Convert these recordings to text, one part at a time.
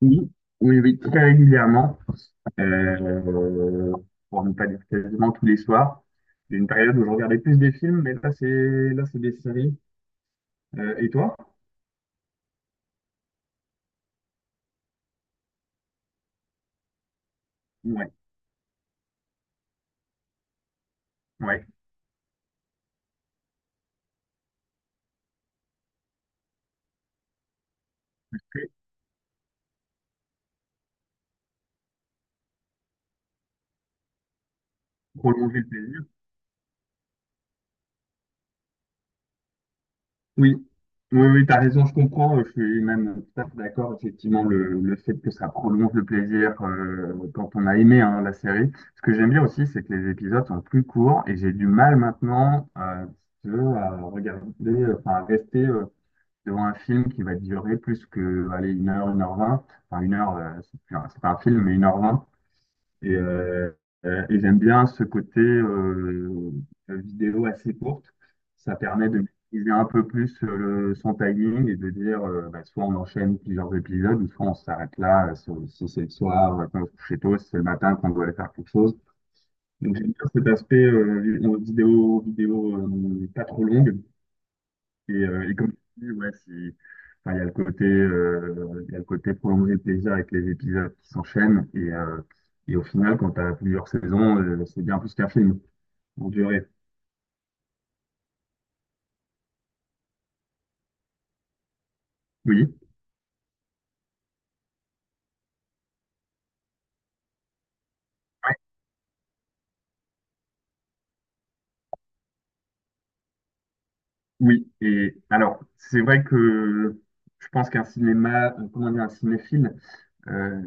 Oui, oui, oui, très régulièrement, euh, pour ne pas dire quasiment tous les soirs. Il y a une période où je regardais plus des films, mais là, c'est des séries. Et toi? Ouais, ouais. Ok. Prolonger le plaisir. Oui, oui, oui, t'as raison, je comprends. Je suis même tout à fait d'accord. Effectivement, le fait que ça prolonge le plaisir quand on a aimé, hein, la série. Ce que j'aime bien aussi, c'est que les épisodes sont plus courts et j'ai du mal maintenant, si tu veux, à regarder, à rester. Devant un film qui va durer plus que, allez, 1 heure, 1h20. Enfin, 1 heure, c'est pas un film, mais 1h20. Et, euh, et j'aime bien ce côté vidéo assez courte. Ça permet de maîtriser un peu plus son timing et de dire, bah, soit on enchaîne plusieurs épisodes, ou soit on s'arrête là, si c'est le soir, qu'on se couche tôt, si c'est le matin qu'on doit aller faire quelque chose. Donc j'aime bien cet aspect vidéo, pas trop longue, et comme tu dis, ouais, il y a le côté, prolonger le plaisir avec les épisodes qui s'enchaînent. Et au final, quand tu as plusieurs saisons, c'est bien plus qu'un film en durée. Oui. Ouais. Oui. Et alors, c'est vrai que je pense qu'un cinéma, comment dire, un cinéphile, euh,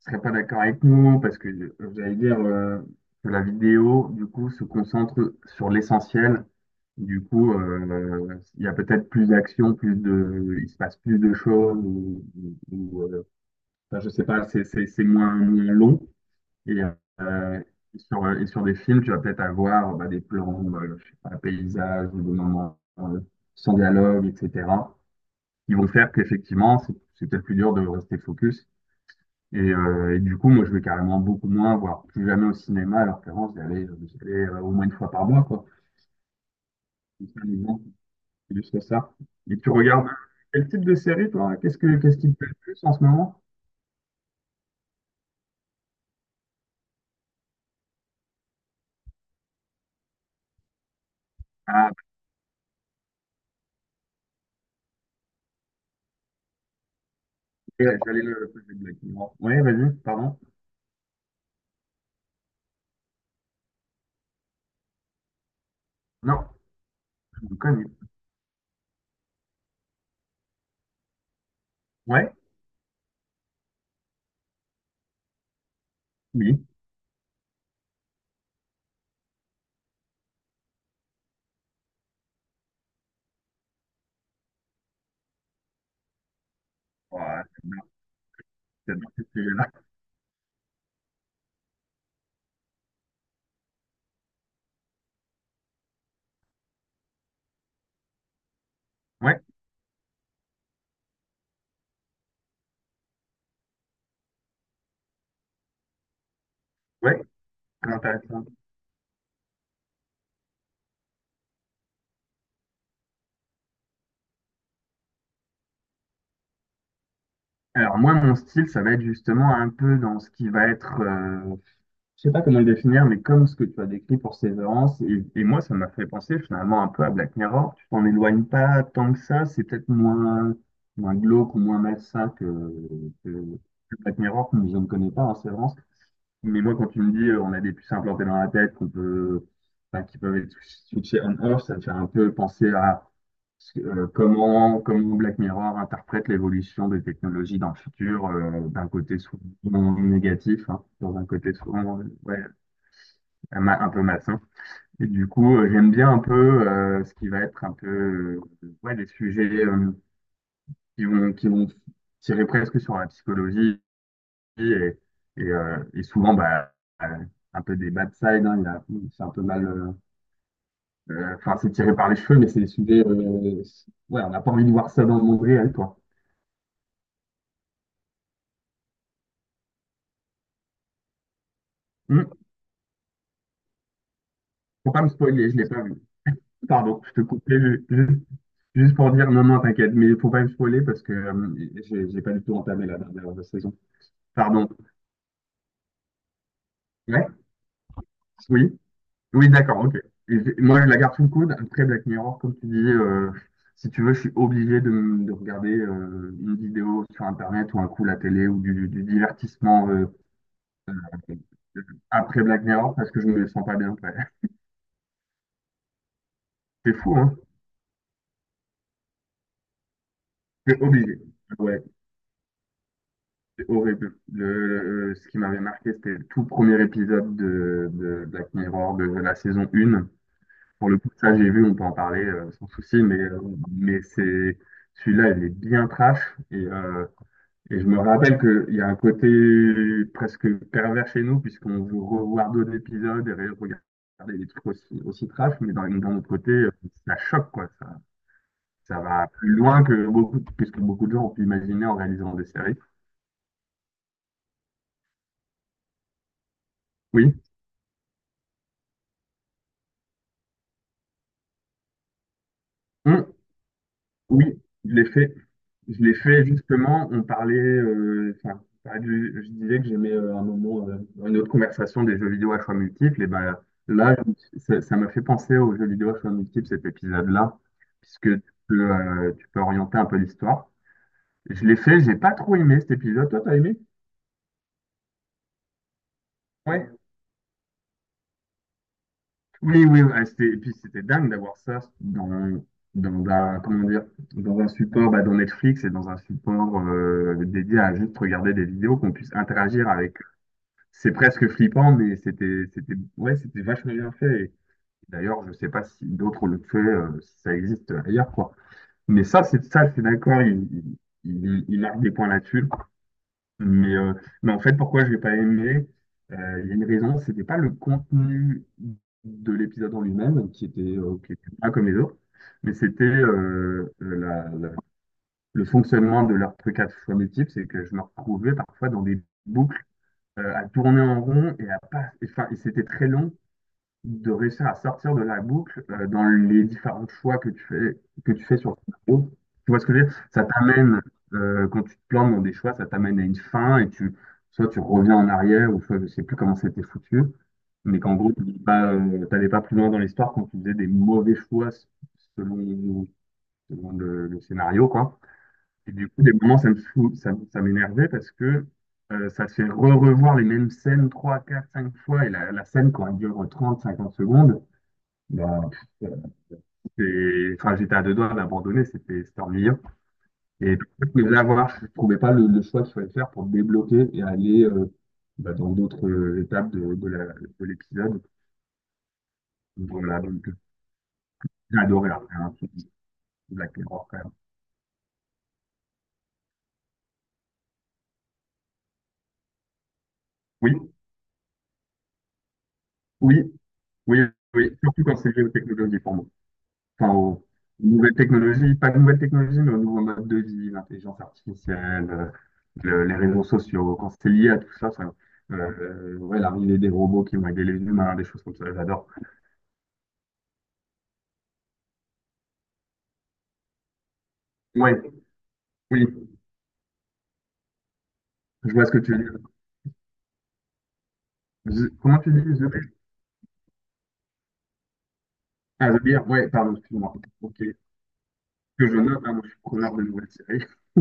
serait pas d'accord avec nous parce que, j'allais dire que la vidéo, du coup, se concentre sur l'essentiel. Du coup, il y a peut-être plus d'action, il se passe plus de choses, euh, enfin, je sais pas, c'est moins long. Et, euh, et sur des films, tu vas peut-être avoir, bah, des plans, je sais pas, paysages, ou des moments, sans dialogue, etc. qui vont faire qu'effectivement, c'est peut-être plus dur de rester focus. Et du coup, moi, je vais carrément beaucoup moins, voire plus jamais au cinéma, alors qu'avant, j'y allais, au moins une fois par mois, quoi. C'est ça, les gens. C'est juste ça. Et tu regardes quel type de série, toi? Qu'est-ce qui te plaît le plus en ce moment? Ah, bah, j'allais le poser de la question. Ouais, vas-y, pardon. Non, je me connais. Ouais, oui. Ouais, c'est bien ce sujet-là. Ouais, ouais, très intéressant. Alors moi, mon style, ça va être justement un peu dans ce qui va être, je sais pas comment le définir, mais comme ce que tu as décrit pour Severance, et moi, ça m'a fait penser finalement un peu à Black Mirror. Tu t'en éloignes pas tant que ça, c'est peut-être moins, moins glauque ou moins malsain que, que que Black Mirror, que je ne connais pas en Severance. Mais moi, quand tu me dis, on a des puces implantées dans la tête qu'on peut, enfin, qui peuvent être switchées on-off, ça me fait un peu penser à, comment Black Mirror interprète l'évolution des technologies dans le futur, d'un côté souvent négatif, hein, dans un côté souvent, ouais, un, un peu maçon. Et du coup, j'aime bien un peu, ce qui va être un peu, ouais, des sujets, qui vont tirer presque sur la psychologie et, et souvent bah, euh, un peu des bad sides, hein, c'est un peu mal. Enfin, c'est tiré par les cheveux, mais c'est des sujets, ouais, on n'a pas envie de voir ça dans le monde réel, quoi. Hum, faut pas me spoiler, je l'ai pas vu. Pardon, je te juste, pour dire non, non, t'inquiète, mais faut pas me spoiler parce que, j'ai pas du tout entamé la dernière saison. Pardon. Oui, oui, d'accord, ok. Et moi, je la garde sous le coude. Après, Black Mirror, comme tu dis, si tu veux, je suis obligé de, de regarder, une vidéo sur Internet ou un coup la télé ou du divertissement, euh, après Black Mirror parce que je me sens pas bien après. C'est fou, hein? C'est obligé. Ouais, c'est horrible. Ce qui m'avait marqué, c'était le tout premier épisode de Black Mirror de la saison 1. Pour le coup, ça, j'ai vu, on peut en parler, sans souci, mais c'est celui-là, il est bien trash. Et, euh, et je me rappelle qu'il y a un côté presque pervers chez nous, puisqu'on veut revoir d'autres épisodes et regarder des trucs aussi, aussi trash, mais d'un autre côté, ça choque, quoi. Ça va plus loin que beaucoup, que ce que beaucoup de gens ont pu imaginer en réalisant des séries. Oui. Hum. Oui, je l'ai fait. Je l'ai fait justement. On parlait, on je disais que j'aimais, un moment, dans une autre conversation des jeux vidéo à choix multiples. Et ben là, ça m'a fait penser aux jeux vidéo à choix multiples, cet épisode-là, puisque tu peux orienter un peu l'histoire. Je l'ai fait, j'ai pas trop aimé cet épisode. Toi, t'as aimé? Ouais. Oui, oui, ouais, et puis c'était dingue d'avoir ça dans, dans un, comment dire, dans un support, bah, dans Netflix et dans un support, dédié à juste regarder des vidéos qu'on puisse interagir avec. C'est presque flippant, mais c'était, c'était, ouais, c'était vachement bien fait. Et d'ailleurs, je sais pas si d'autres le font, si ça existe ailleurs, quoi. Mais ça, c'est ça, je suis d'accord, il marque des points là-dessus. Mais, euh, mais en fait, pourquoi je l'ai pas aimé, il y a une raison, c'était pas le contenu de l'épisode en lui-même qui était pas comme les autres, mais c'était, le fonctionnement de leur truc à choix multiples, c'est que je me retrouvais parfois dans des boucles, à tourner en rond et à pas, et, enfin, et c'était très long de réussir à sortir de la boucle, dans les différents choix que tu fais, sur ton parcours. Tu vois ce que je veux dire? Ça t'amène, quand tu te plantes dans des choix, ça t'amène à une fin et tu, soit tu reviens en arrière ou soit je sais plus comment c'était foutu, mais qu'en gros, tu n'allais pas, t'allais pas plus loin dans l'histoire quand tu faisais des mauvais selon, selon le scénario, quoi. Et du coup, des moments, ça, ça m'énervait parce que, ça te fait re-revoir les mêmes scènes 3 4 5 fois et la scène, quand elle dure 30, 50 secondes, ben, pff, enfin, j'étais à deux doigts d'abandonner, c'était c'était ennuyant. Et je voulais l'avoir, je trouvais pas le, le choix qu'il fallait faire pour me débloquer et aller, bah, dans d'autres, étapes de, de l'épisode. Voilà, donc j'ai adoré après, hein, Black Mirror quand même. Oui, oui, oui, oui, surtout quand c'est géotechnologie pour moi. Enfin, aux nouvelles technologies, pas de nouvelles technologies, mais aux nouveaux modes de vie, l'intelligence artificielle, les réseaux sociaux, quand c'est lié à tout ça, ça, ouais, l'arrivée des robots qui vont aider les humains, des choses comme ça, j'adore. Ouais, oui, je vois ce que tu veux dire. Comment tu dis The Bear? Ah, The Bear, ouais, pardon, excuse-moi. Ok, que je note, hein, moi je suis preneur de nouvelles séries.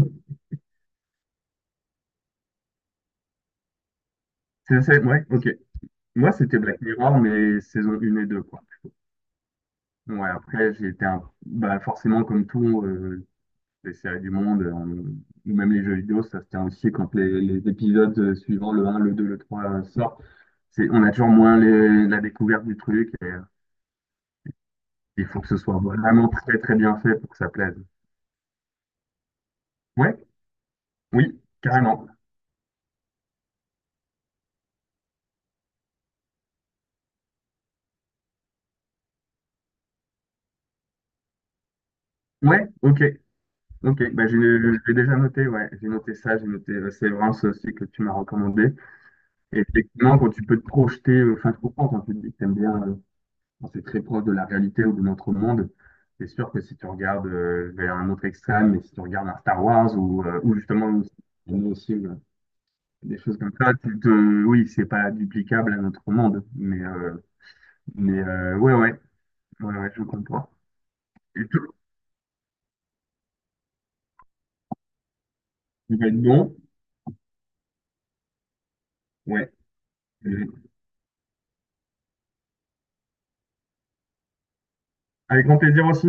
Ouais, ok. Moi, c'était Black Mirror, mais saison 1 et 2 quoi. Ouais, après, j'ai été un... bah, forcément, comme tout, les séries du monde, ou même les jeux vidéo, ça se tient aussi quand les épisodes, suivants, le un le 2 le trois, sortent. C'est, on a toujours moins la découverte du truc et, il faut que ce soit vraiment très très bien fait pour que ça plaise. Ouais, oui, carrément. Ouais, ok, ok. Bah, j'ai, je l'ai déjà noté, ouais. J'ai noté ça, j'ai noté, Severance aussi que tu m'as recommandé. Et effectivement, quand tu peux te projeter, enfin, je comprends quand tu te dis que t'aimes bien, bon, c'est très proche de la réalité ou de notre monde. C'est sûr que si tu regardes, vers un autre extrême, mais si tu regardes un Star Wars ou justement une autre cible, des choses comme ça, tu te... oui, c'est pas duplicable à notre monde. Mais ouais, ouais, ouais, ouais, je comprends. Et tout, il va être bon. Ouais. Et avec grand plaisir aussi.